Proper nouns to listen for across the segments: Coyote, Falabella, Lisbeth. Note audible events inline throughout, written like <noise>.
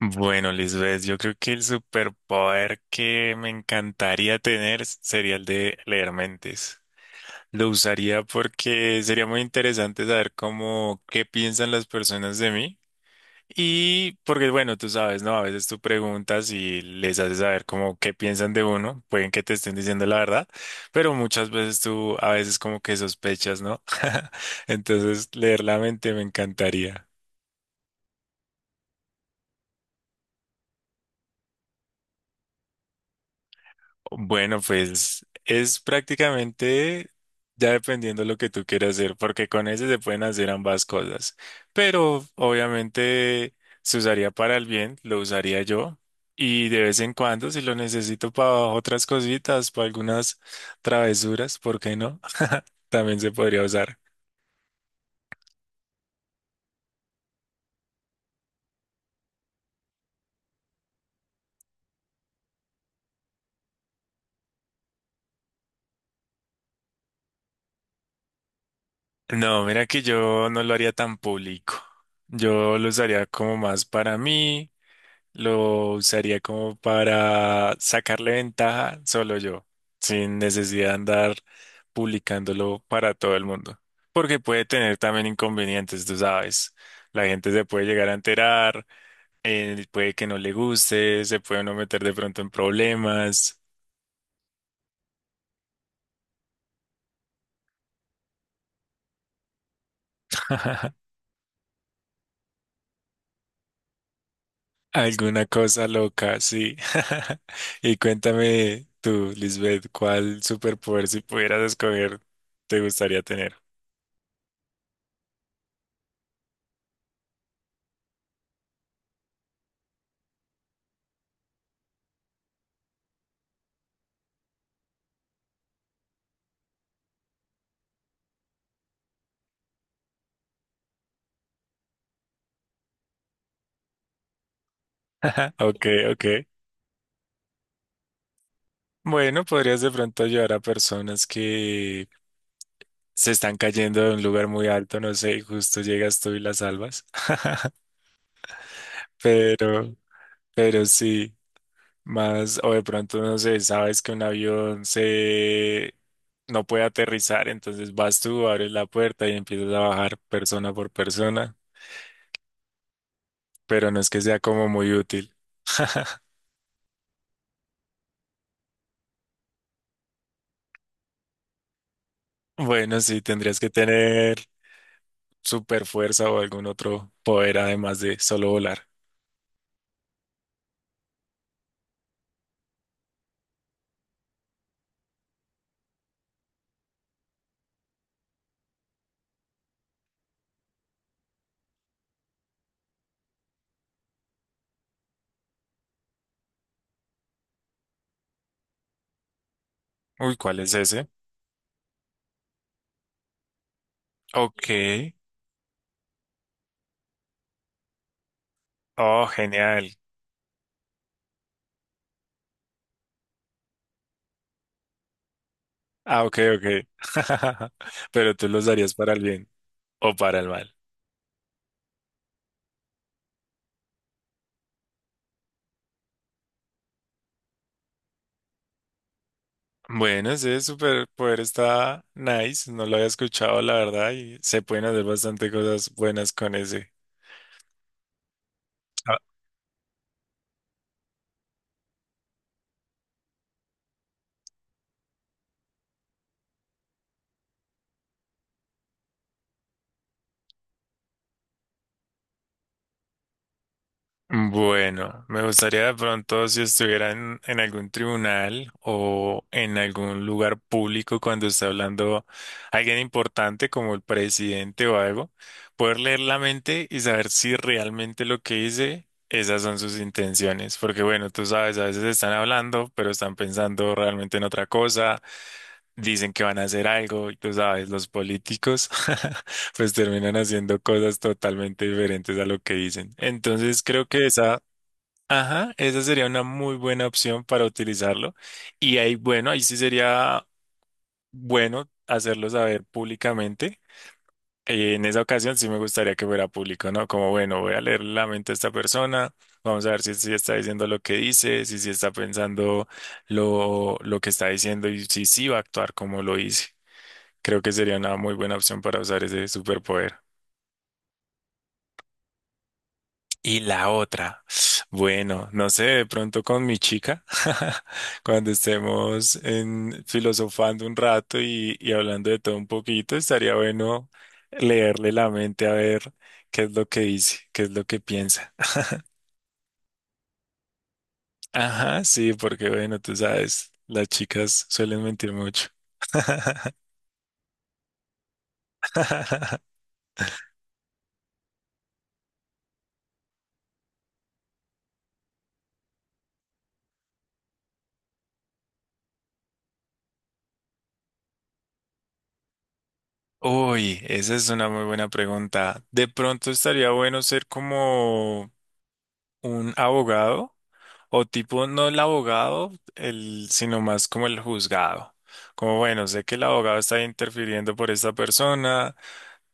Bueno, Lisbeth, yo creo que el superpoder que me encantaría tener sería el de leer mentes. Lo usaría porque sería muy interesante saber cómo, qué piensan las personas de mí. Y porque, bueno, tú sabes, ¿no? A veces tú preguntas y les haces saber cómo qué piensan de uno. Pueden que te estén diciendo la verdad, pero muchas veces tú a veces como que sospechas, ¿no? <laughs> Entonces, leer la mente me encantaría. Bueno, pues es prácticamente ya dependiendo lo que tú quieras hacer, porque con ese se pueden hacer ambas cosas. Pero obviamente se usaría para el bien, lo usaría yo. Y de vez en cuando, si lo necesito para otras cositas, para algunas travesuras, ¿por qué no? <laughs> También se podría usar. No, mira que yo no lo haría tan público. Yo lo usaría como más para mí. Lo usaría como para sacarle ventaja solo yo, sin necesidad de andar publicándolo para todo el mundo. Porque puede tener también inconvenientes, tú sabes. La gente se puede llegar a enterar, puede que no le guste, se puede uno meter de pronto en problemas. <laughs> Alguna cosa loca, sí. <laughs> Y cuéntame tú, Lisbeth, ¿cuál superpoder si pudieras escoger te gustaría tener? <laughs> Ok, ok. Bueno, podrías de pronto ayudar a personas que se están cayendo de un lugar muy alto, no sé, y justo llegas tú y las salvas. <laughs> Pero, pero sí, más, o de pronto, no sé, sabes que un avión se no puede aterrizar, entonces vas tú, abres la puerta y empiezas a bajar persona por persona, pero no es que sea como muy útil. Bueno, sí, tendrías que tener super fuerza o algún otro poder además de solo volar. Uy, ¿cuál es ese? Ok. Oh, genial. Ah, ok, ok. <laughs> Pero tú los darías para el bien o para el mal. Bueno, ese superpoder está nice. No lo había escuchado, la verdad, y se pueden hacer bastante cosas buenas con ese. Bueno, me gustaría de pronto si estuvieran en algún tribunal o en algún lugar público cuando está hablando alguien importante como el presidente o algo, poder leer la mente y saber si realmente lo que dice, esas son sus intenciones. Porque bueno, tú sabes, a veces están hablando, pero están pensando realmente en otra cosa, dicen que van a hacer algo y tú sabes, los políticos. <laughs> Pues terminan haciendo cosas totalmente diferentes a lo que dicen. Entonces creo que esa. Ajá, esa sería una muy buena opción para utilizarlo. Y ahí, bueno, ahí sí sería bueno hacerlo saber públicamente. En esa ocasión sí me gustaría que fuera público, ¿no? Como, bueno, voy a leer la mente de esta persona, vamos a ver si está diciendo lo que dice, si está pensando lo que está diciendo y si sí va a actuar como lo dice. Creo que sería una muy buena opción para usar ese superpoder. Y la otra, bueno, no sé, de pronto con mi chica, <laughs> cuando estemos en, filosofando un rato y hablando de todo un poquito, estaría bueno leerle la mente a ver qué es lo que dice, qué es lo que piensa. Ajá, sí, porque bueno, tú sabes, las chicas suelen mentir mucho. <laughs> Uy, esa es una muy buena pregunta. De pronto estaría bueno ser como un abogado. O tipo, no el abogado, el, sino más como el juzgado. Como, bueno, sé que el abogado está interfiriendo por esta persona,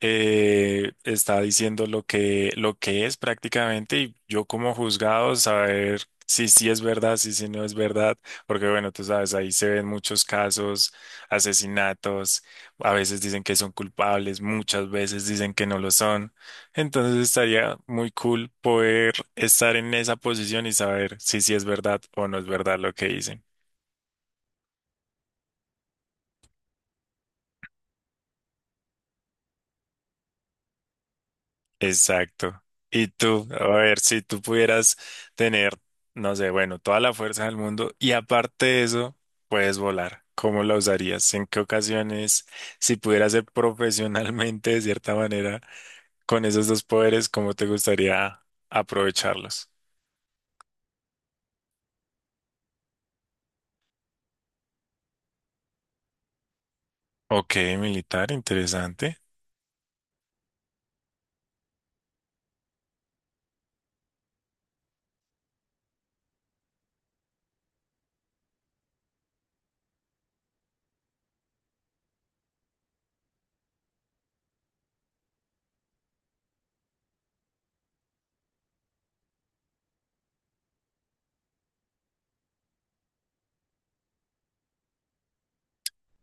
está diciendo lo que es prácticamente, y yo como juzgado saber si sí es verdad, si sí no es verdad, porque bueno, tú sabes, ahí se ven muchos casos, asesinatos, a veces dicen que son culpables, muchas veces dicen que no lo son. Entonces estaría muy cool poder estar en esa posición y saber si sí es verdad o no es verdad lo que dicen. Exacto. Y tú, a ver, si tú pudieras tener, no sé, bueno, toda la fuerza del mundo y aparte de eso, puedes volar. ¿Cómo la usarías? ¿En qué ocasiones? Si pudieras ser profesionalmente de cierta manera con esos dos poderes, ¿cómo te gustaría aprovecharlos? Ok, militar, interesante.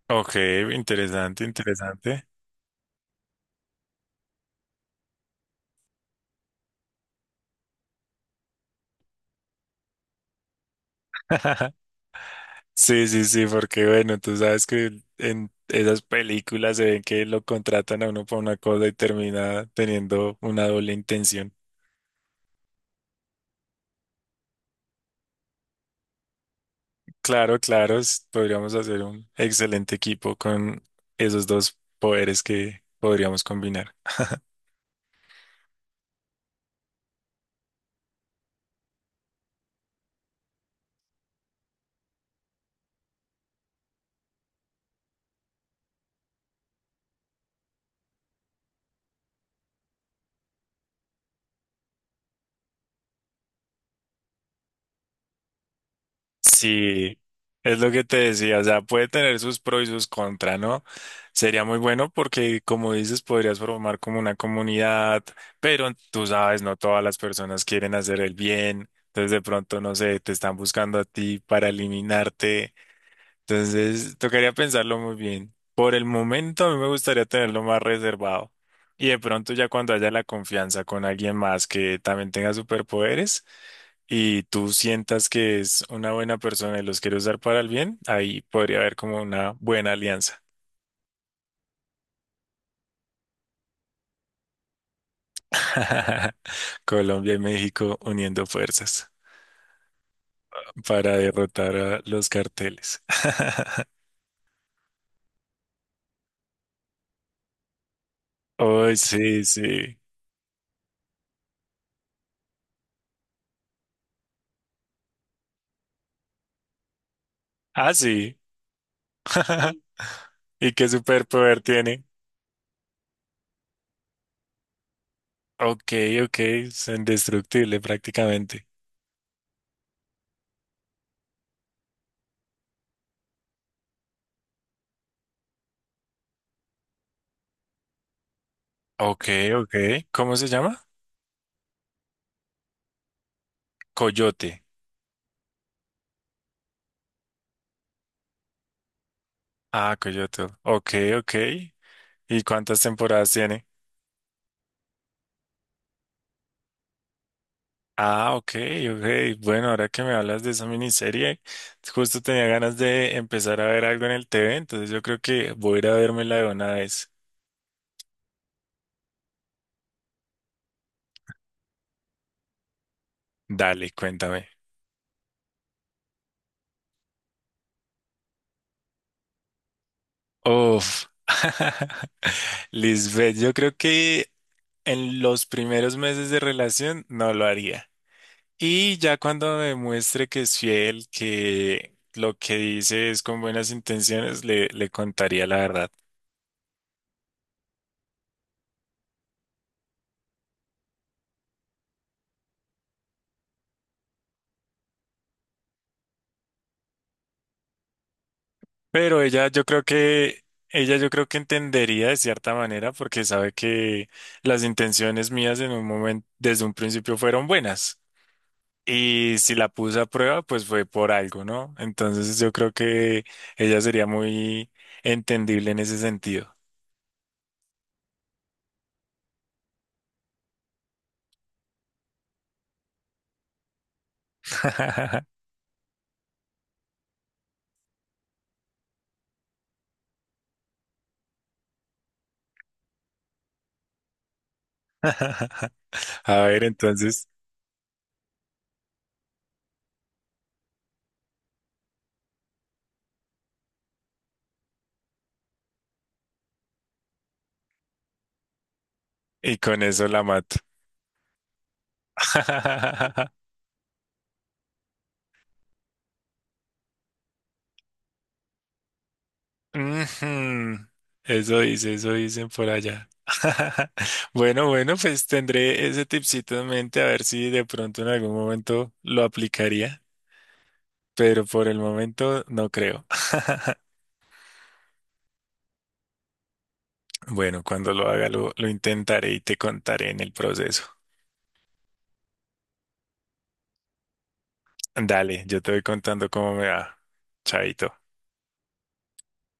Ok, interesante, interesante. <laughs> Sí, sí, sí, porque bueno, tú sabes que en esas películas se ven que lo contratan a uno para una cosa y termina teniendo una doble intención. Claro, claro, s- podríamos hacer un excelente equipo con esos dos poderes que podríamos combinar. Sí, es lo que te decía, o sea, puede tener sus pros y sus contras, ¿no? Sería muy bueno porque, como dices, podrías formar como una comunidad, pero tú sabes, no todas las personas quieren hacer el bien, entonces de pronto, no sé, te están buscando a ti para eliminarte. Entonces, tocaría pensarlo muy bien. Por el momento, a mí me gustaría tenerlo más reservado. Y de pronto, ya cuando haya la confianza con alguien más que también tenga superpoderes y tú sientas que es una buena persona y los quiere usar para el bien, ahí podría haber como una buena alianza. <laughs> Colombia y México uniendo fuerzas para derrotar a los carteles. <laughs> Oh, sí, sí. Ah, sí. <laughs> ¿Y qué superpoder tiene? Ok, ok, es indestructible prácticamente. Ok, ok. ¿Cómo se llama? Coyote. Ah, Coyote. Ok, ok. ¿Y cuántas temporadas tiene? Ah, ok, ok. Bueno, ahora que me hablas de esa miniserie, justo tenía ganas de empezar a ver algo en el TV, entonces yo creo que voy a ir a vérmela de una vez. Dale, cuéntame. Uf. <laughs> Lisbeth, yo creo que en los primeros meses de relación no lo haría. Y ya cuando demuestre que es fiel, que lo que dice es con buenas intenciones, le contaría la verdad. Pero ella, yo creo que, ella yo creo que entendería de cierta manera porque sabe que las intenciones mías en un momento, desde un principio fueron buenas. Y si la puse a prueba, pues fue por algo, ¿no? Entonces yo creo que ella sería muy entendible en ese sentido. <laughs> A ver, entonces, y con eso la mato. <laughs> Ujú. Eso dice, eso dicen por allá. <laughs> Bueno, bueno, pues tendré ese tipcito en mente a ver si de pronto en algún momento lo aplicaría, pero por el momento no creo. <laughs> Bueno, cuando lo haga lo intentaré y te contaré en el proceso. Dale, yo te voy contando cómo me va. Chaito.